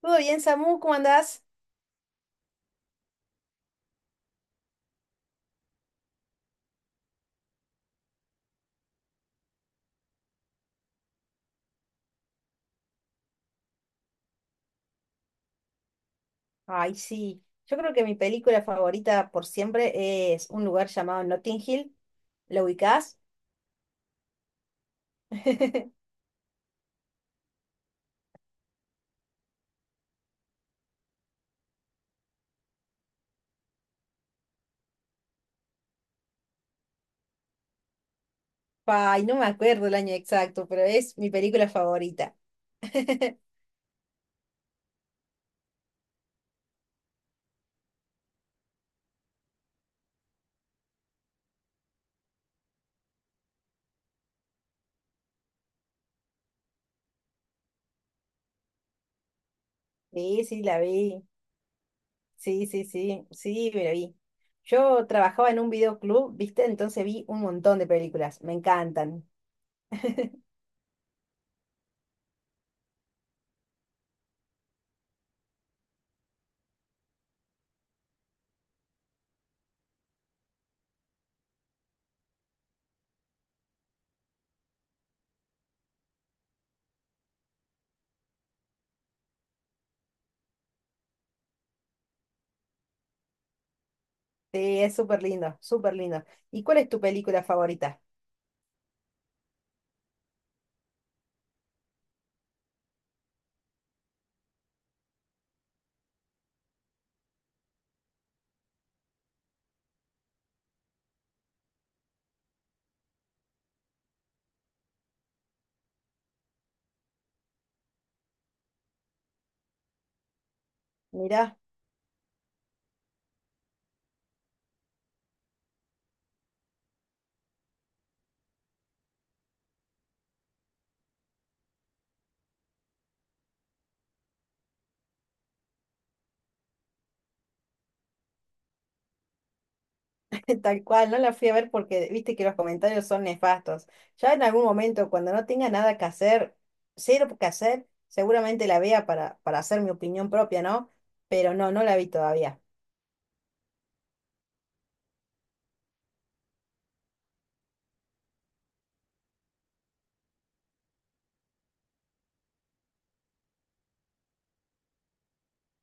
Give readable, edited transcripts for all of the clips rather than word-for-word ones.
¿Todo bien, Samu? ¿Cómo andás? Ay, sí. Yo creo que mi película favorita por siempre es un lugar llamado Notting Hill. ¿Lo ubicás? Ay, no me acuerdo el año exacto, pero es mi película favorita. Sí, sí, la vi. Sí, sí, sí. Sí, me la vi. Yo trabajaba en un videoclub, ¿viste? Entonces vi un montón de películas. Me encantan. Sí, es súper lindo, súper lindo. ¿Y cuál es tu película favorita? Mirá. Tal cual, no la fui a ver porque viste que los comentarios son nefastos. Ya en algún momento, cuando no tenga nada que hacer, cero que hacer, seguramente la vea para, hacer mi opinión propia, ¿no? Pero no, no la vi todavía.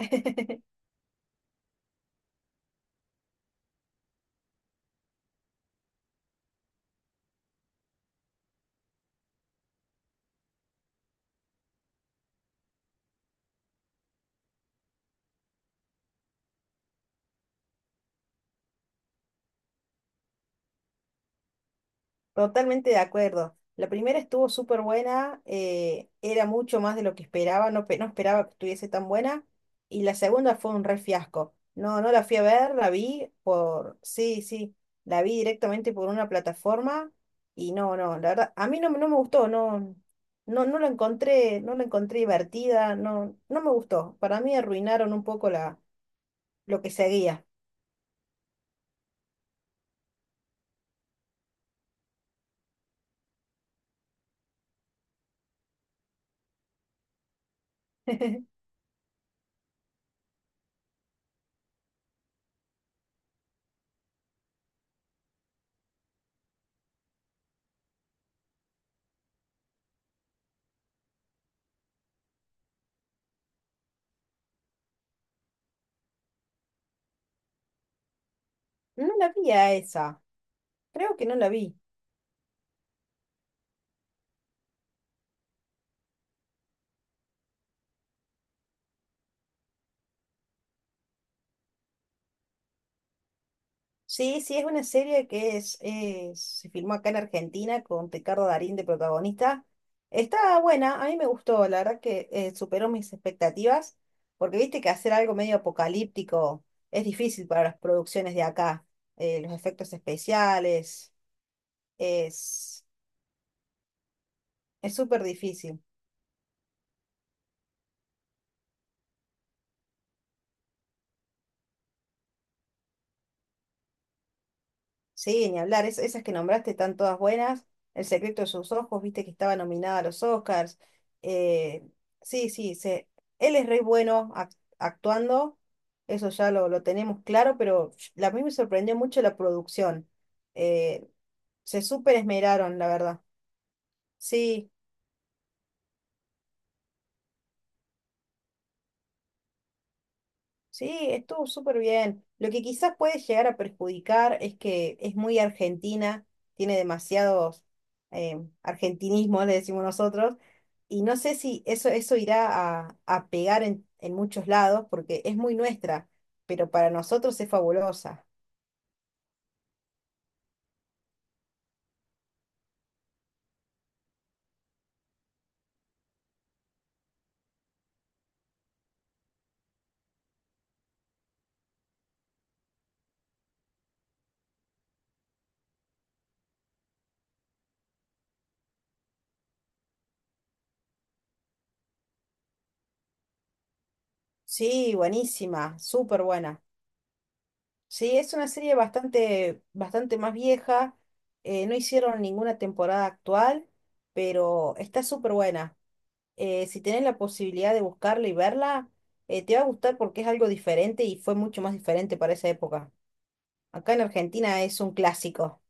Totalmente de acuerdo. La primera estuvo súper buena, era mucho más de lo que esperaba, no, no esperaba que estuviese tan buena. Y la segunda fue un re fiasco. No, no la fui a ver, la vi por, sí, sí, la vi directamente por una plataforma y no, no, la verdad, a mí no, no me gustó, no, no, no la encontré, no la encontré divertida, no, no me gustó. Para mí arruinaron un poco la, lo que seguía. No la vi a esa, creo que no la vi. Sí, sí, es una serie que es, se filmó acá en Argentina con Ricardo Darín de protagonista. Está buena, a mí me gustó, la verdad que superó mis expectativas, porque viste que hacer algo medio apocalíptico es difícil para las producciones de acá. Los efectos especiales, es es súper difícil. Sí, ni hablar, esas que nombraste están todas buenas. El secreto de sus ojos, viste que estaba nominada a los Oscars. Eh, sí, sí, se, él es re bueno actuando, eso ya lo tenemos claro, pero a mí me sorprendió mucho la producción. Eh, Se súper esmeraron, la verdad. Sí. Sí, estuvo súper bien. Lo que quizás puede llegar a perjudicar es que es muy argentina, tiene demasiados argentinismos, le decimos nosotros, y no sé si eso, eso irá a pegar en muchos lados porque es muy nuestra, pero para nosotros es fabulosa. Sí, buenísima, súper buena. Sí, es una serie bastante, bastante más vieja, no hicieron ninguna temporada actual, pero está súper buena. Si tienes la posibilidad de buscarla y verla, te va a gustar porque es algo diferente y fue mucho más diferente para esa época. Acá en Argentina es un clásico.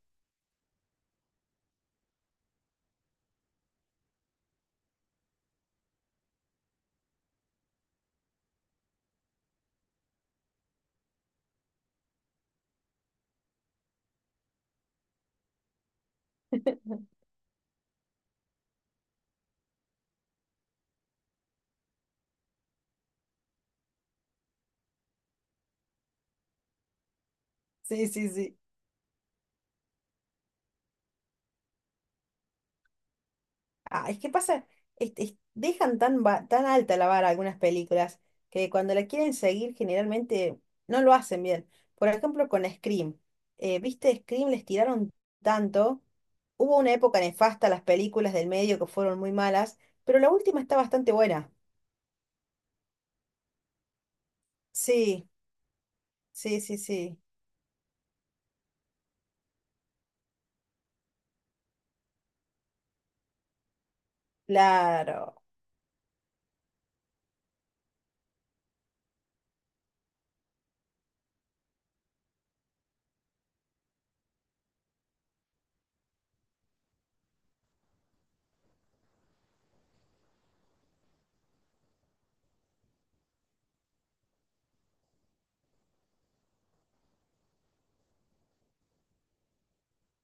Sí, sí, sí. Ah, es que pasa, este, dejan tan, tan alta la vara algunas películas que cuando la quieren seguir generalmente no lo hacen bien. Por ejemplo, con Scream. ¿Viste? Scream les tiraron tanto. Hubo una época nefasta, las películas del medio que fueron muy malas, pero la última está bastante buena. Sí, sí, sí, sí. Claro,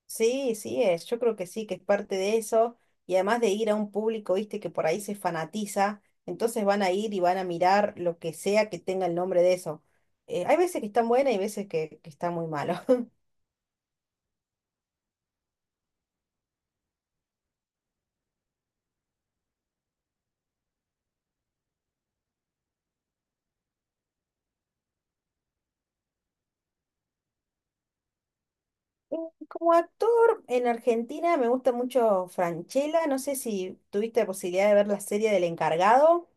sí, sí es, yo creo que sí, que es parte de eso, y además de ir a un público, viste, que por ahí se fanatiza, entonces van a ir y van a mirar lo que sea que tenga el nombre de eso. Hay veces que están buenas y veces que está muy malo. Eh, como actor en Argentina me gusta mucho Franchella, no sé si tuviste la posibilidad de ver la serie del encargado.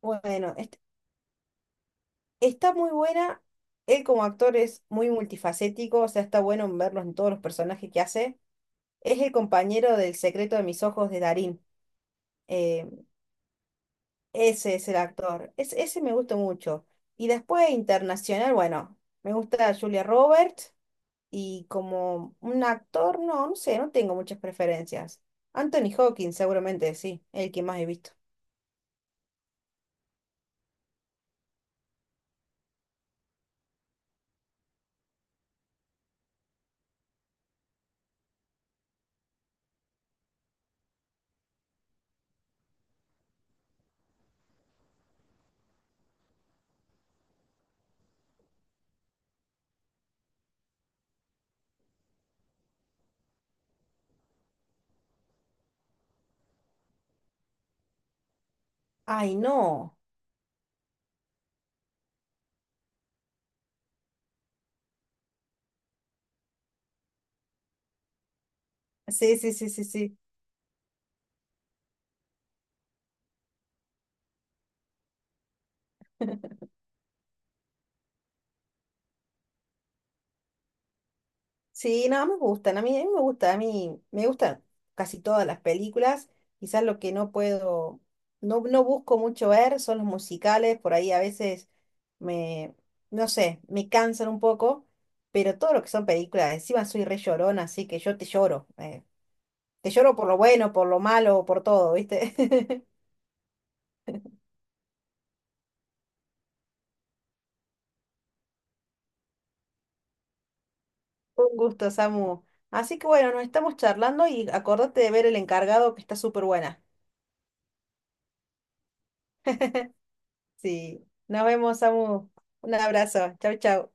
Bueno, está muy buena, él como actor es muy multifacético, o sea, está bueno verlo en todos los personajes que hace. Es el compañero del secreto de mis ojos de Darín. Eh, ese es el actor. Es, ese me gustó mucho. Y después internacional, bueno, me gusta Julia Roberts y como un actor, no, no sé, no tengo muchas preferencias. Anthony Hawkins, seguramente sí, el que más he visto. Ay, no. Sí, sí, sí, sí, sí. Sí, no, me gustan. A mí me gusta, a mí me gustan casi todas las películas. Quizás lo que no puedo, no, no busco mucho ver son los musicales. Por ahí a veces me, no sé, me cansan un poco. Pero todo lo que son películas, encima soy re llorona, así que yo te lloro. Te lloro por lo bueno, por lo malo, por todo, ¿viste? Un gusto, Samu. Así que bueno, nos estamos charlando y acordate de ver El Encargado, que está súper buena. Sí. Nos vemos, Samu. Un abrazo. Chau, chau.